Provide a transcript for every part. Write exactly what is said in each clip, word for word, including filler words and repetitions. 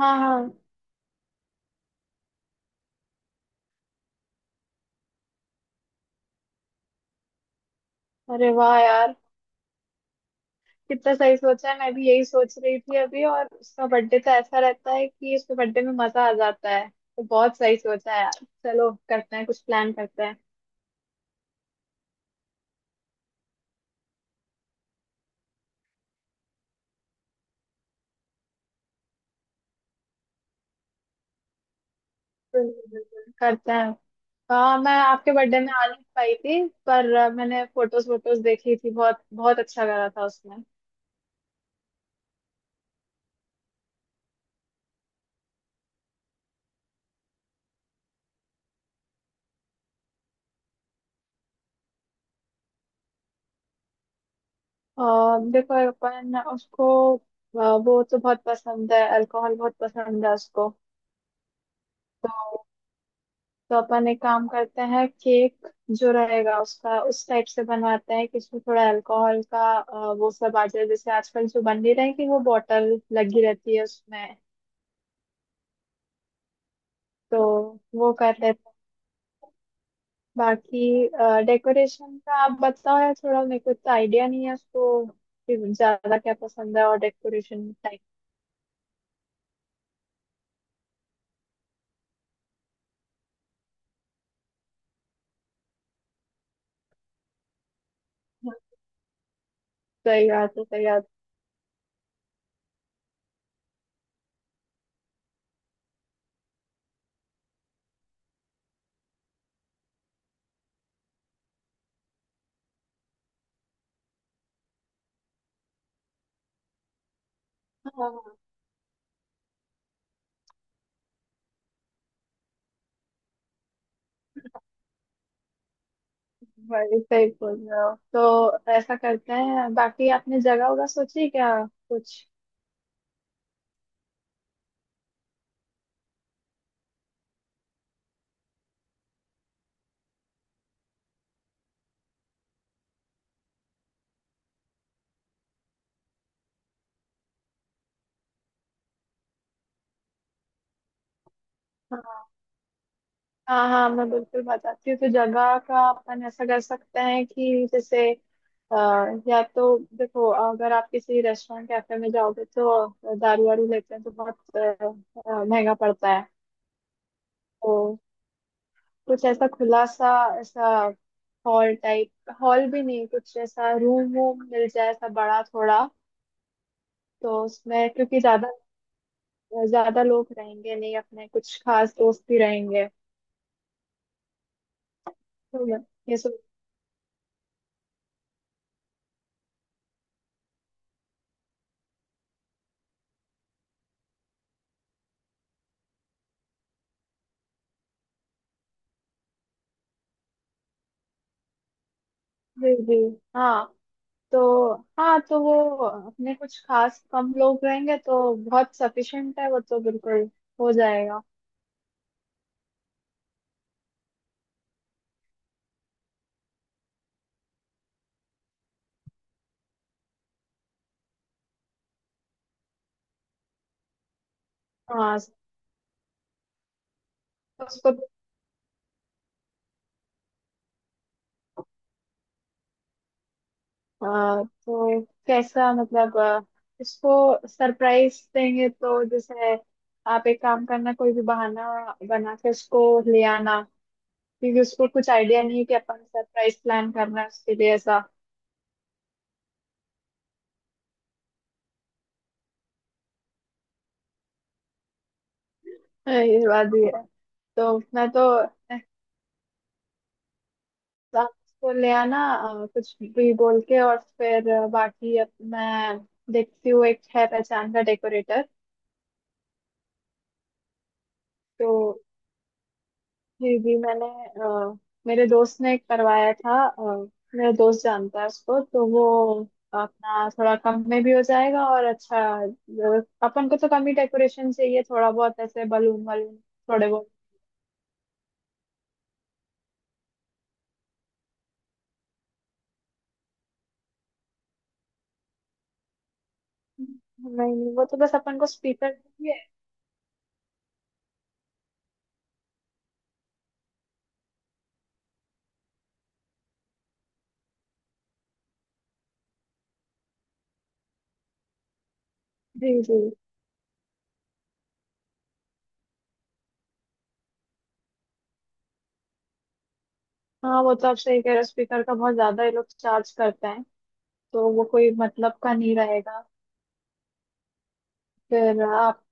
हाँ हाँ। अरे वाह यार, कितना सही सोचा है। मैं भी यही सोच रही थी अभी। और उसका बर्थडे तो ऐसा रहता है कि उसके बर्थडे में मजा आ जाता है, तो बहुत सही सोचा है यार। चलो करते हैं, कुछ प्लान करते हैं। बिल्कुल बिल्कुल, करते हैं। हाँ, मैं आपके बर्थडे में आ नहीं पाई थी, पर अ, मैंने फोटोज वोटोज देखी थी, बहुत बहुत अच्छा लगा था उसमें। और देखो अपन उसको अ, वो तो बहुत पसंद है, अल्कोहल बहुत पसंद है उसको। तो अपन एक काम करते हैं, केक जो रहेगा उसका उस टाइप से बनवाते हैं कि इसमें थोड़ा अल्कोहल का अ, वो सब आ जाए, जैसे आजकल जो बन नहीं रही कि वो बॉटल लगी रहती है उसमें। तो वो कर लेते हैं। बाकी डेकोरेशन का आप बताओ यार, थोड़ा मेरे को इतना आइडिया नहीं है उसको कि ज्यादा क्या पसंद है, और डेकोरेशन टाइप। सही बात है, सही बात है। हाँ हाँ। वही सही बोल रहे हो। तो ऐसा करते हैं। बाकी आपने जगह होगा सोची क्या कुछ? हाँ हाँ, मैं बिल्कुल बताती हूँ। तो जगह का अपन ऐसा कर सकते हैं कि जैसे अ, या तो देखो, अगर आप किसी रेस्टोरेंट कैफे में जाओगे तो दारू वारू लेते हैं तो बहुत अ, अ, महंगा पड़ता है। तो कुछ ऐसा खुला सा, ऐसा हॉल टाइप, हॉल भी नहीं, कुछ ऐसा रूम वूम मिल जाए, ऐसा बड़ा थोड़ा। तो उसमें क्योंकि ज्यादा ज्यादा लोग रहेंगे नहीं, अपने कुछ खास दोस्त भी रहेंगे, तो मैं ये सोच। जी जी, हाँ। तो हाँ तो वो अपने कुछ खास कम लोग रहेंगे, तो बहुत सफिशिएंट है, वो तो बिल्कुल हो जाएगा। हाँ। उसको अ, तो कैसा मतलब अ, उसको सरप्राइज देंगे, तो जैसे आप एक काम करना, कोई भी बहाना बना के उसको ले आना, क्योंकि उसको कुछ आइडिया नहीं है कि अपन सरप्राइज प्लान करना है उसके लिए ऐसा। ये बात भी है। तो अपना तो बस को ले आना, अ, कुछ भी बोल के, और फिर अ, बाकी अब मैं देखती हूँ, एक है पहचान का डेकोरेटर। तो जी जी, मैंने अ, मेरे दोस्त ने करवाया था, अ, मेरा दोस्त जानता है उसको, तो वो अपना थोड़ा कम में भी हो जाएगा, और अच्छा। अ, अपन को तो कम ही डेकोरेशन चाहिए, थोड़ा बहुत ऐसे बलून वलून, थोड़े बहुत। नहीं नहीं, वो तो बस अपन को स्पीकर चाहिए। जी जी, हाँ, वो तो आप सही कह रहे हो। स्पीकर का बहुत ज्यादा ये लोग चार्ज करते हैं, तो वो कोई मतलब का नहीं रहेगा। फिर आप।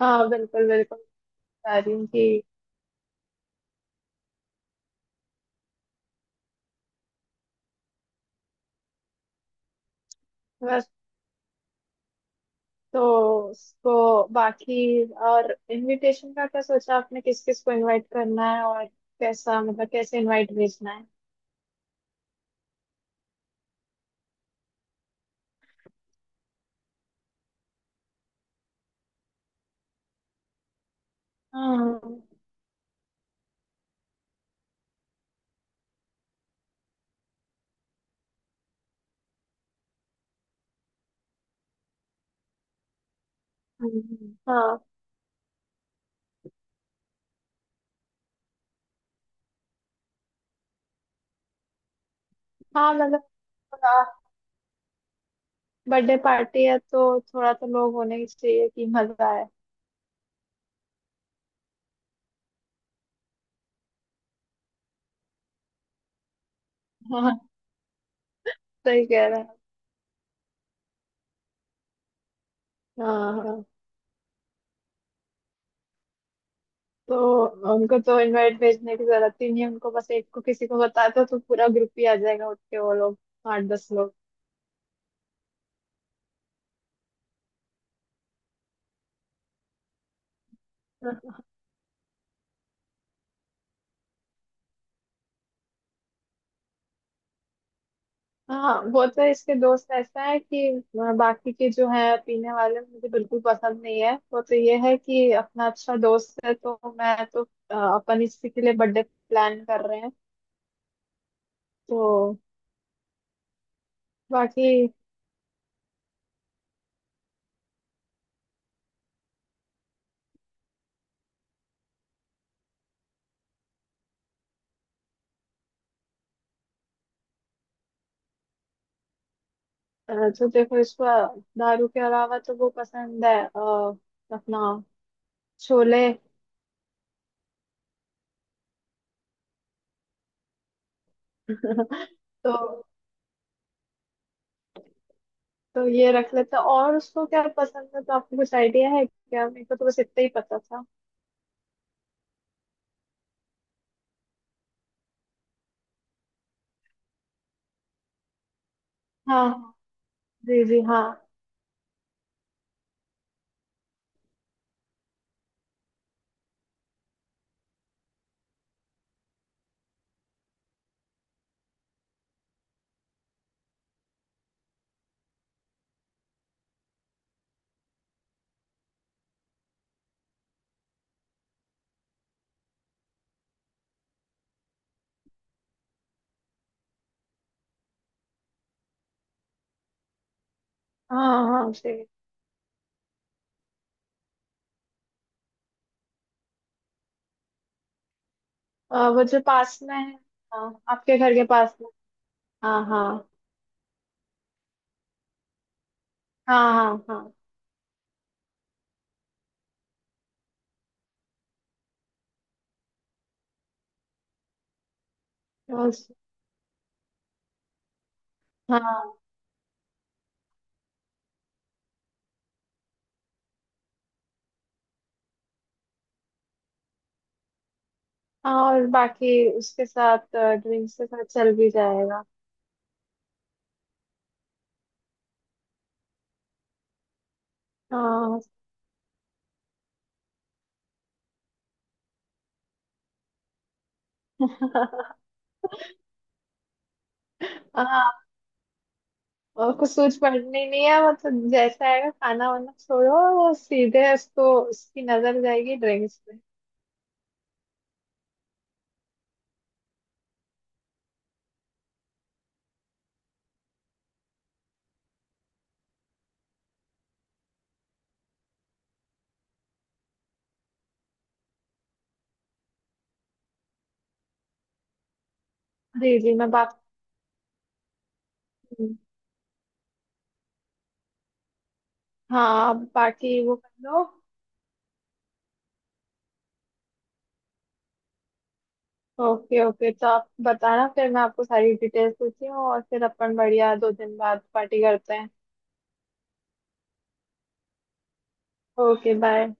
हाँ बिल्कुल बिल्कुल, बता रही हूँ कि बस। तो उसको बाकी, और इनविटेशन का क्या सोचा आपने, किस किस को इनवाइट करना है, और कैसा मतलब कैसे इनवाइट भेजना है? हाँ। हम्म, हाँ। हाँ मतलब थोड़ा, बर्थडे पार्टी है तो थोड़ा तो लोग होने ही चाहिए कि मजा आए। हाँ, सही कह रहे हैं। हाँ हाँ, तो उनको तो इनवाइट भेजने की जरूरत ही नहीं है, उनको बस एक को किसी को बता दो तो पूरा ग्रुप ही आ जाएगा उठ के वो लोग, आठ दस लोग। हाँ, वो तो इसके दोस्त ऐसा है कि बाकी के जो है पीने वाले मुझे बिल्कुल पसंद नहीं है। वो तो ये है कि अपना अच्छा दोस्त है, तो मैं तो अ, अपन इसी के लिए बर्थडे प्लान कर रहे हैं। तो बाकी अ, तो देखो, इसको दारू के अलावा तो वो पसंद है अ, अपना छोले। तो तो ये रख लेते हैं। और उसको क्या पसंद है तो आपको कुछ आइडिया है क्या? मेरे को तो बस इतना ही पता था। हाँ। जी जी, हाँ। हाँ हाँ जी, अ, वो जो पास में है। हाँ, आपके घर के पास में। हाँ हाँ हाँ। हाँ हाँ, बस, हाँ हाँ। और बाकी उसके साथ ड्रिंक्स के साथ चल भी जाएगा। हाँ। हाँ। और कुछ सोच पड़नी नहीं है, मतलब जैसा आएगा खाना वाना छोड़ो, वो सीधे उसको, उसकी नजर जाएगी ड्रिंक्स पे। जी जी, मैं बात। हाँ, आप बाकी वो कर लो। ओके ओके, तो आप बताना, फिर मैं आपको सारी डिटेल्स पूछती हूँ और फिर अपन बढ़िया दो दिन बाद पार्टी करते हैं। Okay bye.